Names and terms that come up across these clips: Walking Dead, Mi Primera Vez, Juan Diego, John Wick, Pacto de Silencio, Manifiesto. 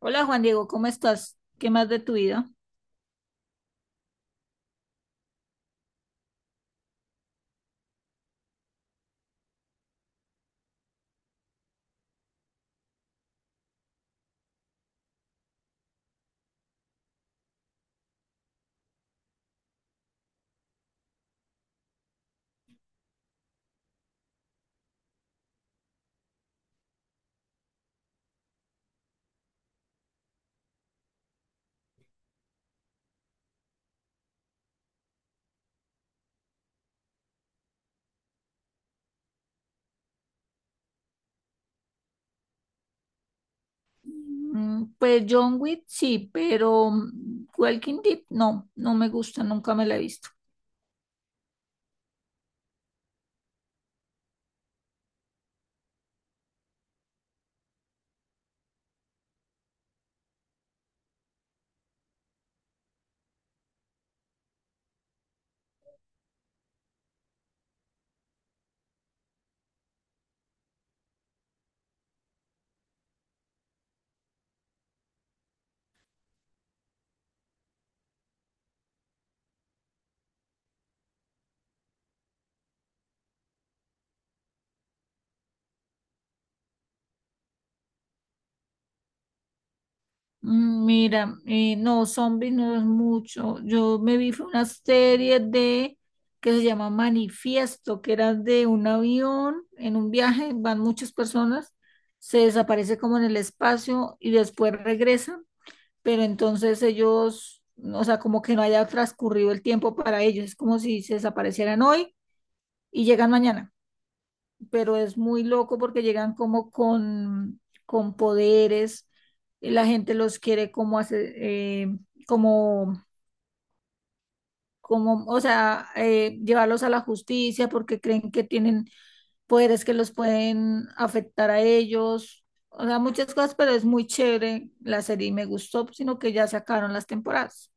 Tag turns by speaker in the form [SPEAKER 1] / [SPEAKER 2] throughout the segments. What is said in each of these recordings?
[SPEAKER 1] Hola Juan Diego, ¿cómo estás? ¿Qué más de tu vida? Mm, pues John Wick sí, pero Walking Dead no, no me gusta, nunca me la he visto. Mm, mira, no, zombies no es mucho. Yo me vi fue una serie de que se llama Manifiesto, que era de un avión en un viaje, van muchas personas, se desaparece como en el espacio y después regresa, pero entonces ellos, o sea, como que no haya transcurrido el tiempo para ellos, es como si se desaparecieran hoy y llegan mañana, pero es muy loco porque llegan como con poderes. La gente los quiere como hacer, como, o sea, llevarlos a la justicia porque creen que tienen poderes que los pueden afectar a ellos. O sea, muchas cosas, pero es muy chévere la serie y me gustó, sino que ya sacaron las temporadas.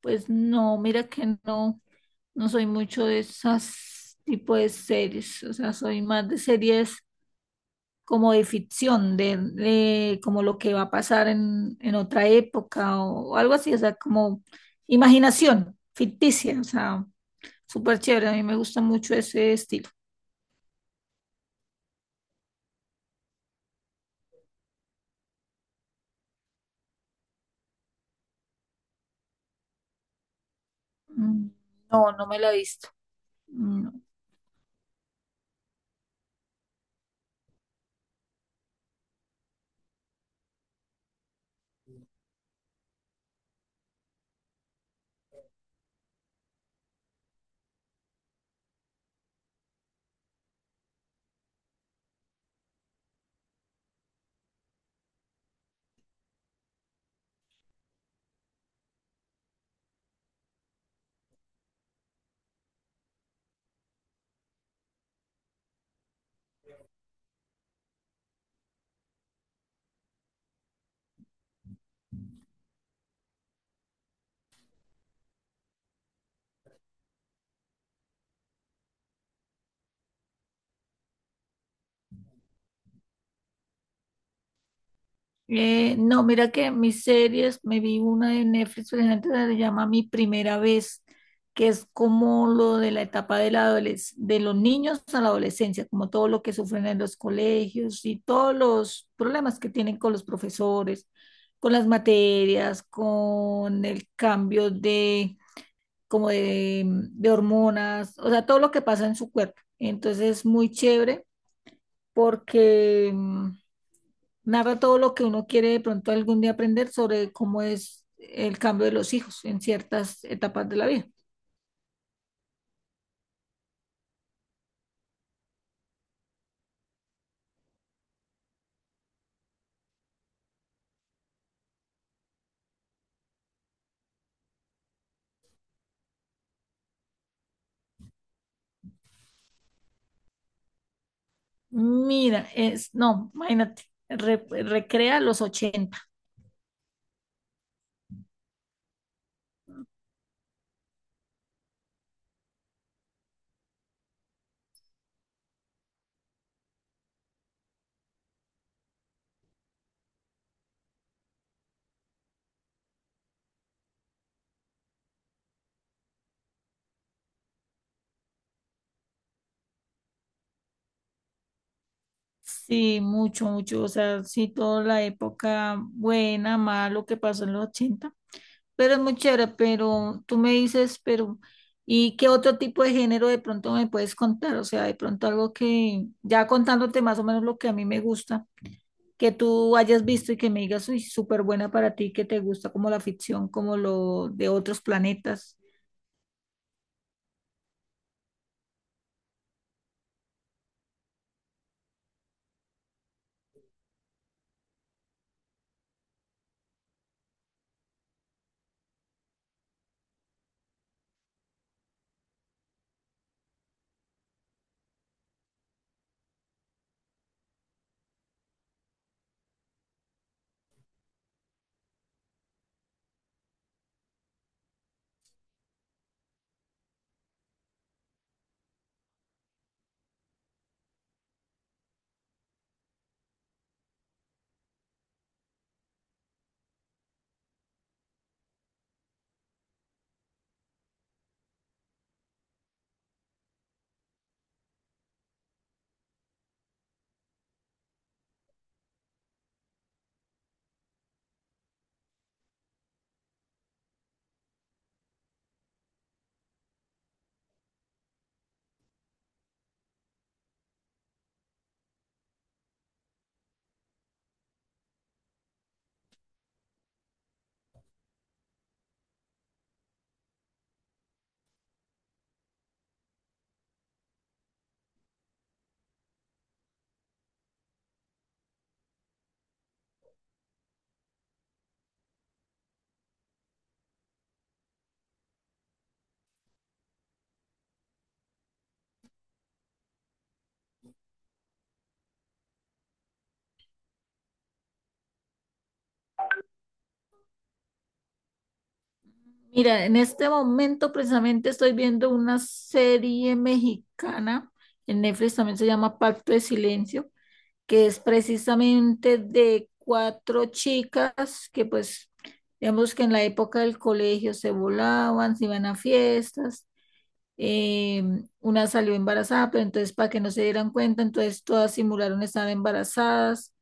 [SPEAKER 1] Pues no, mira que no, no soy mucho de esas tipo de series, o sea, soy más de series como de ficción, de como lo que va a pasar en otra época o algo así, o sea, como imaginación ficticia, o sea, súper chévere, a mí me gusta mucho ese estilo. Mm, no, no me la he visto. Mm. No, mira que mis series, me vi una de Netflix, por ejemplo, que se llama Mi Primera Vez, que es como lo de la etapa de, la de los niños a la adolescencia, como todo lo que sufren en los colegios y todos los problemas que tienen con los profesores, con las materias, con el cambio de, de hormonas, o sea, todo lo que pasa en su cuerpo. Entonces es muy chévere porque... mm, narra todo lo que uno quiere de pronto algún día aprender sobre cómo es el cambio de los hijos en ciertas etapas de la vida. Mira, no, imagínate, recrea los 80. Sí, mucho, mucho, o sea, sí, toda la época buena, malo lo que pasó en los 80, pero es muy chévere. Pero tú me dices, pero ¿y qué otro tipo de género de pronto me puedes contar? O sea, de pronto algo que, ya contándote más o menos lo que a mí me gusta, que tú hayas visto y que me digas, uy, súper buena para ti, que te gusta como la ficción, como lo de otros planetas. Mira, en este momento precisamente estoy viendo una serie mexicana, en Netflix también, se llama Pacto de Silencio, que es precisamente de cuatro chicas que pues, digamos que en la época del colegio se volaban, se iban a fiestas, eh, una salió embarazada, pero entonces para que no se dieran cuenta, entonces todas simularon estar embarazadas,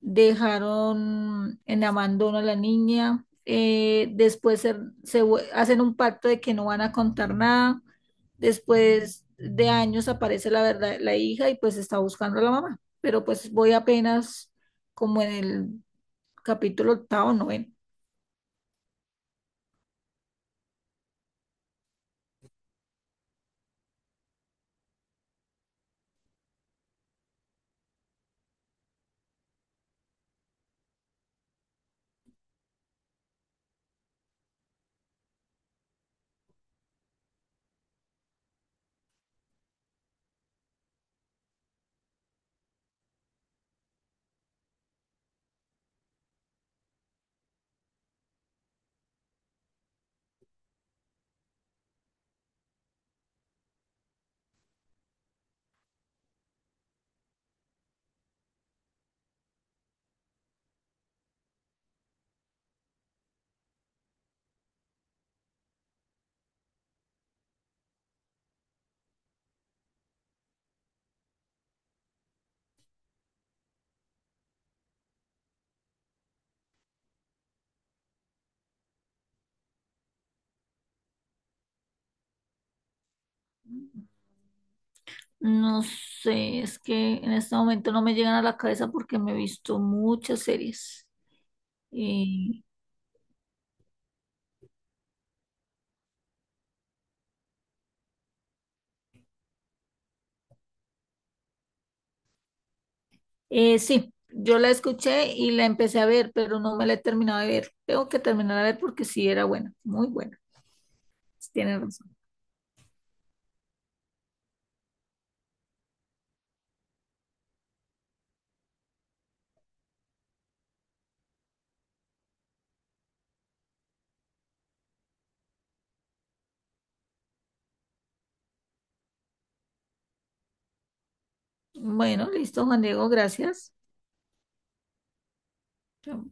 [SPEAKER 1] dejaron en abandono a la niña. Eh, hacen un pacto de que no van a contar nada. Después de años aparece la verdad, la hija, y pues está buscando a la mamá, pero pues voy apenas como en el capítulo octavo, noveno. No sé, es que en este momento no me llegan a la cabeza porque me he visto muchas series. Y sí, yo la escuché y la empecé a ver, pero no me la he terminado de ver. Tengo que terminar a ver porque sí era buena, muy buena. Sí, tienes razón. Bueno, listo, Juan Diego, gracias. Chao.